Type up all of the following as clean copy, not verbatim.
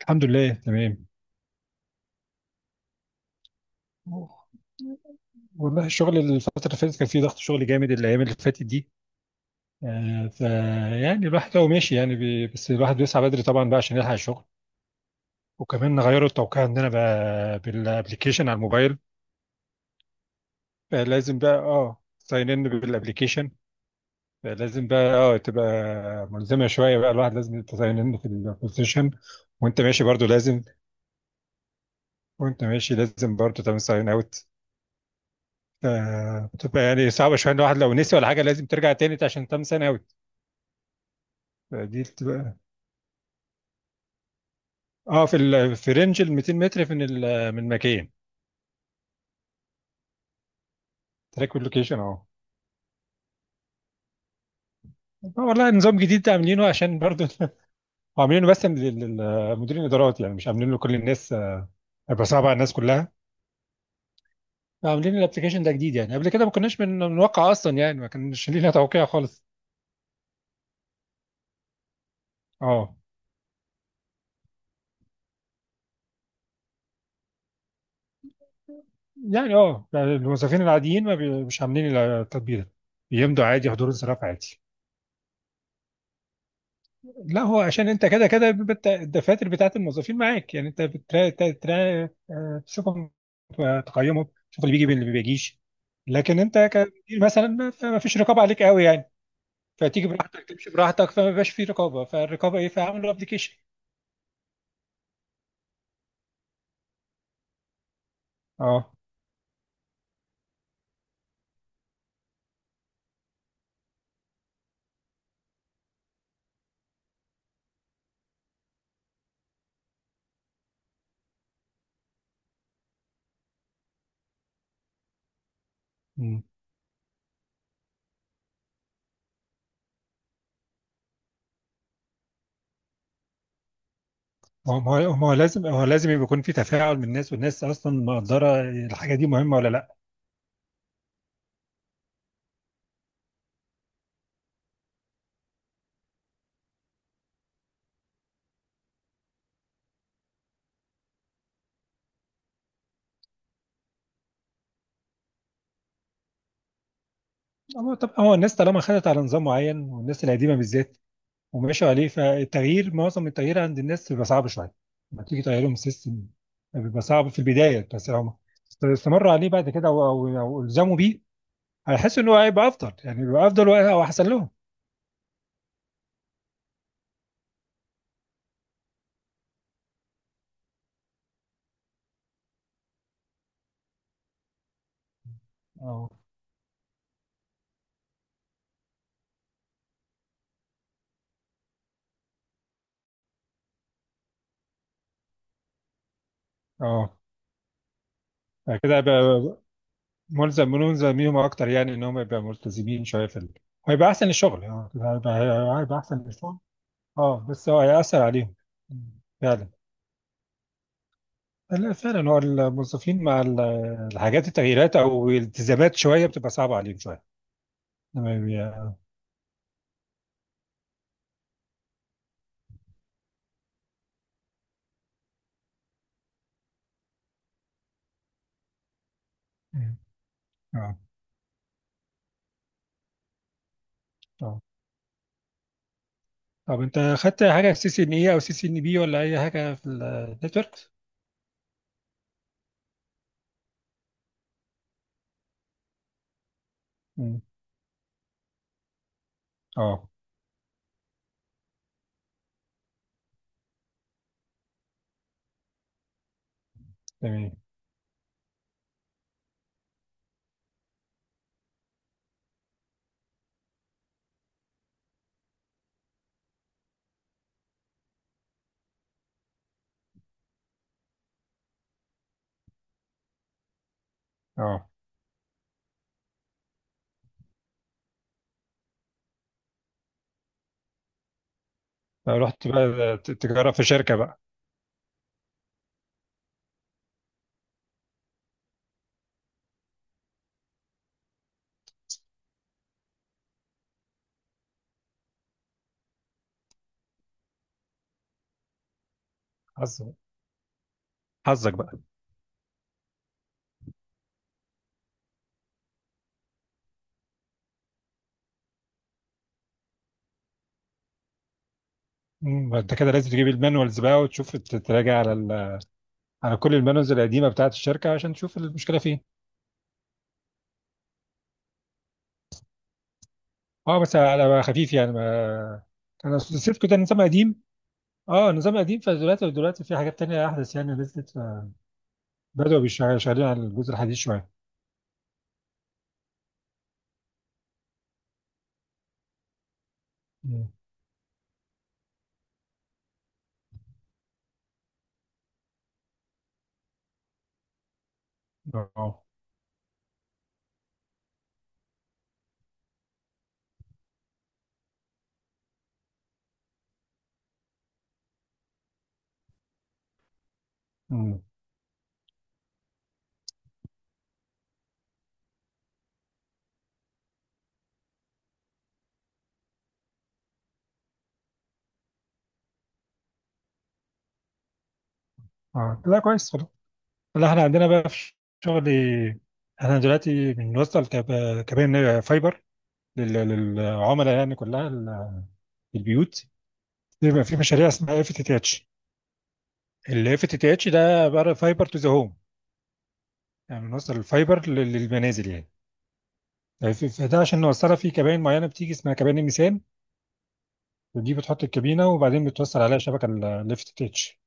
الحمد لله تمام. والله الشغل الفترة اللي فاتت كان فيه ضغط شغل جامد الأيام اللي فاتت دي. فيعني الواحد هو ماشي يعني بس الواحد بيسعى بدري طبعا بقى عشان يلحق الشغل. وكمان غيروا التوقيع عندنا بقى بالابلكيشن على الموبايل. فلازم بقى ساين ان بالابلكيشن. فلازم بقى تبقى ملزمة شوية بقى، الواحد لازم تساين ان في البوزيشن، وانت ماشي برضو لازم، وانت ماشي لازم برضو تعمل ساين اوت. بتبقى يعني صعبة شوية إن الواحد لو نسي ولا حاجة لازم ترجع تاني عشان تم سنة أوي. دي بتبقى في رينج ال 200 متر من مكان تراك لوكيشن اه والله نظام جديد عاملينه عشان برضه عاملينه بس للمديرين الادارات يعني مش عاملينه لكل الناس. هيبقى صعب على الناس كلها. عاملين الابلكيشن ده جديد، يعني قبل كده ما كناش بنوقع اصلا، يعني ما كانش لينا توقيع خالص. اه، يعني الموظفين العاديين ما بي... مش عاملين التطبيق ده، بيمضوا عادي، حضور انصراف عادي. لا، هو عشان انت كده كده بيبقى الدفاتر بتاعت الموظفين معاك، يعني انت بترا تا- ترا- آه، تشوفهم، تقيمهم، تشوف اللي بيجي واللي ما بيجيش. لكن انت كمدير مثلا ما فيش رقابه عليك قوي يعني، فتيجي براحتك تمشي براحتك، فما بيبقاش في رقابه، فالرقابه ايه، فعملوا ابلكيشن. اه. مم. ما هو لازم يبقى يكون في تفاعل من الناس، والناس اصلا مقدره الحاجه دي مهمه ولا لا. هو طب هو الناس طالما خدت على نظام معين، والناس القديمه بالذات وماشوا عليه، فالتغيير، معظم التغيير عند الناس بيبقى صعب شويه لما تيجي تغيرهم السيستم. بيبقى صعب في البدايه، بس هم استمروا عليه بعد كده او او أو الزموا بيه، هيحسوا ان هو هيبقى افضل، يعني بيبقى افضل او احسن لهم. اه، اه. فكده هيبقى ملزم بيهم اكتر، يعني ان هم يبقى ملتزمين شويه في ال... هيبقى احسن الشغل. اه، كده هيبقى، هيبقى احسن الشغل. اه بس هو هيأثر عليهم فعلا. لا فعلا هو الموظفين مع الحاجات، التغييرات او الالتزامات شويه بتبقى صعبه عليهم شويه. تمام يا. اه، اه. طب انت خدت حاجه سي سي ان اي او سي سي ان بي ولا اي حاجه في النتورك؟ مم. اه تمام. اه، رحت بقى تجرب في شركه بقى، حظك، حظك بقى. مم. انت كده لازم تجيب المانوالز بقى وتشوف تراجع على ال... على كل المانوالز القديمه بتاعت الشركه عشان تشوف المشكله فين. اه بس على خفيف يعني. ما انا سبت، كنت نظام قديم. اه نظام قديم، فدلوقتي في حاجات تانية أحدث يعني نزلت، شغالين على الجزء الحديث شوية. مم. اه. مم. اه لا، كويس والله. لا احنا عندنا بقى في شغل. احنا دلوقتي بنوصل كباين فايبر للعملاء، يعني كلها ال- في البيوت، بيبقى في مشاريع اسمها اف تي تي اتش. الاف تي تي اتش ده عبارة فايبر تو ذا هوم، يعني بنوصل الفايبر للمنازل يعني. فده عشان نوصلها في كباين معينة بتيجي اسمها كباين الميزان، دي بتحط الكابينة وبعدين بتوصل عليها شبكة الليفت تيتش.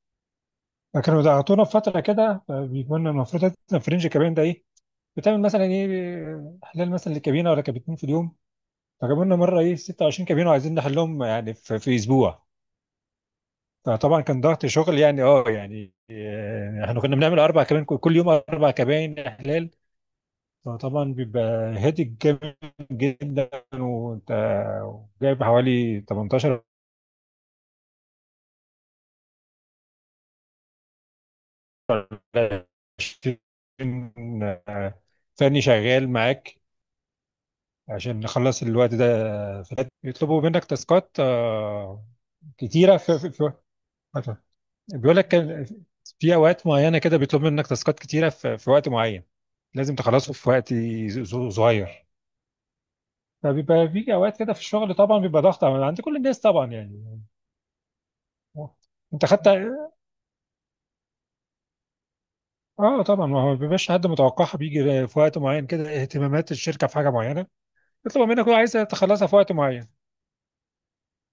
فكانوا ضغطونا في فترة كده، بيكون المفروض مثلا فرنج الكابينة ده إيه، بتعمل مثلا إيه إحلال مثلا للكابينة، ولا كابتين في اليوم. فجابوا لنا مرة إيه 26 كابينة وعايزين نحلهم يعني في أسبوع. فطبعا كان ضغط شغل، يعني أه يعني آه، إحنا كنا بنعمل أربع كابين كل يوم، أربع كابين إحلال. فطبعا بيبقى هادي جامد جدا. وأنت جايب حوالي 18 20 ثاني شغال معاك عشان نخلص الوقت ده في الوقت. يطلبوا منك تاسكات كتيرة في بيقول لك، كان في أوقات معينة كده بيطلب منك تاسكات كتيرة في وقت معين، لازم تخلصه في وقت صغير. فبيبقى في أوقات كده في الشغل، طبعا بيبقى ضغط عند كل الناس طبعا يعني. انت خدت. اه طبعا، ما هو ما بيبقاش حد متوقعها، بيجي في وقت معين كده اهتمامات الشركة في حاجة معينة، بيطلبوا منك كل عايزه تخلصها في وقت معين،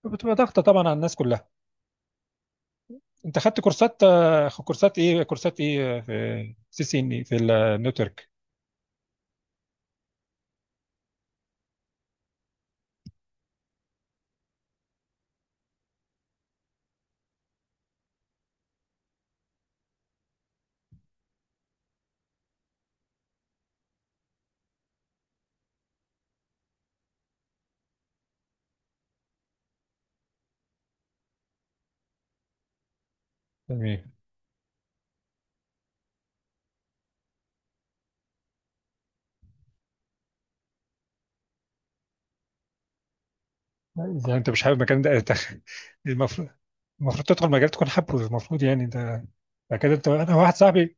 بتبقى ضغطه طبعا على الناس كلها. انت خدت كورسات، كورسات ايه، في سي سي ان، في النتورك يعني. إذا انت مش حابب المكان ده، المفروض، المفروض تدخل مجال تكون حابه، المفروض يعني ده. كده انت، انا واحد صاحبي،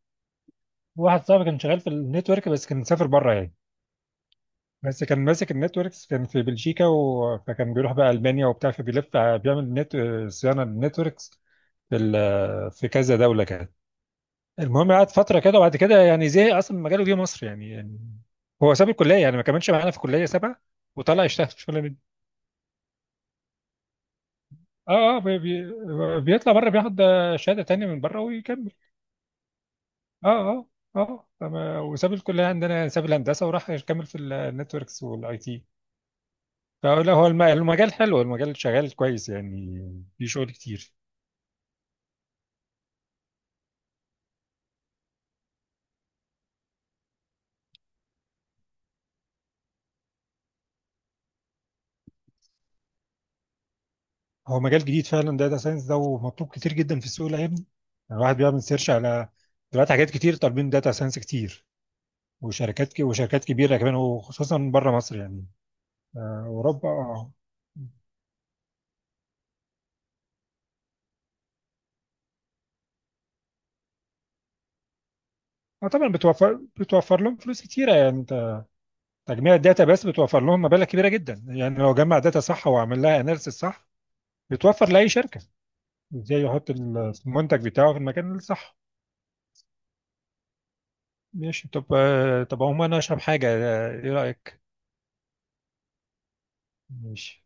كان شغال في النتورك بس كان مسافر بره يعني. بس كان ماسك النتوركس، كان في بلجيكا و... فكان بيروح بقى المانيا وبتاع، فبيلف بيعمل نت... صيانه للنتوركس في ال... في كذا دوله كده. المهم قعد فتره كده وبعد كده يعني زهق اصلا من مجاله، جه مصر يعني. هو ساب الكليه يعني، ما كملش معانا في الكليه، سابها وطلع يشتغل شغل من. اه اه، بي بي بيطلع بره بياخد شهاده تانية من بره ويكمل. اه، اه، اه، وساب الكليه عندنا يعني، ساب الهندسه وراح يكمل في النتوركس والاي تي. فلا هو المجال حلو، المجال شغال كويس يعني، في شغل كتير. هو مجال جديد فعلا داتا ساينس ده، ومطلوب كتير جدا في السوق الايام دي، يعني الواحد بيعمل سيرش على دلوقتي حاجات كتير طالبين داتا ساينس كتير. وشركات وشركات كبيره كمان، وخصوصا بره مصر يعني، اوروبا. اه، طبعا بتوفر لهم فلوس كتيره يعني. انت تجميع الداتا بس بتوفر لهم مبالغ كبيره جدا، يعني لو جمع داتا صح وعمل لها اناليسيس صح، بتوفر لاي شركه ازاي يحط المنتج بتاعه في المكان الصح. ماشي. طب طب عموما انا اشرب حاجه، ايه رايك؟ ماشي.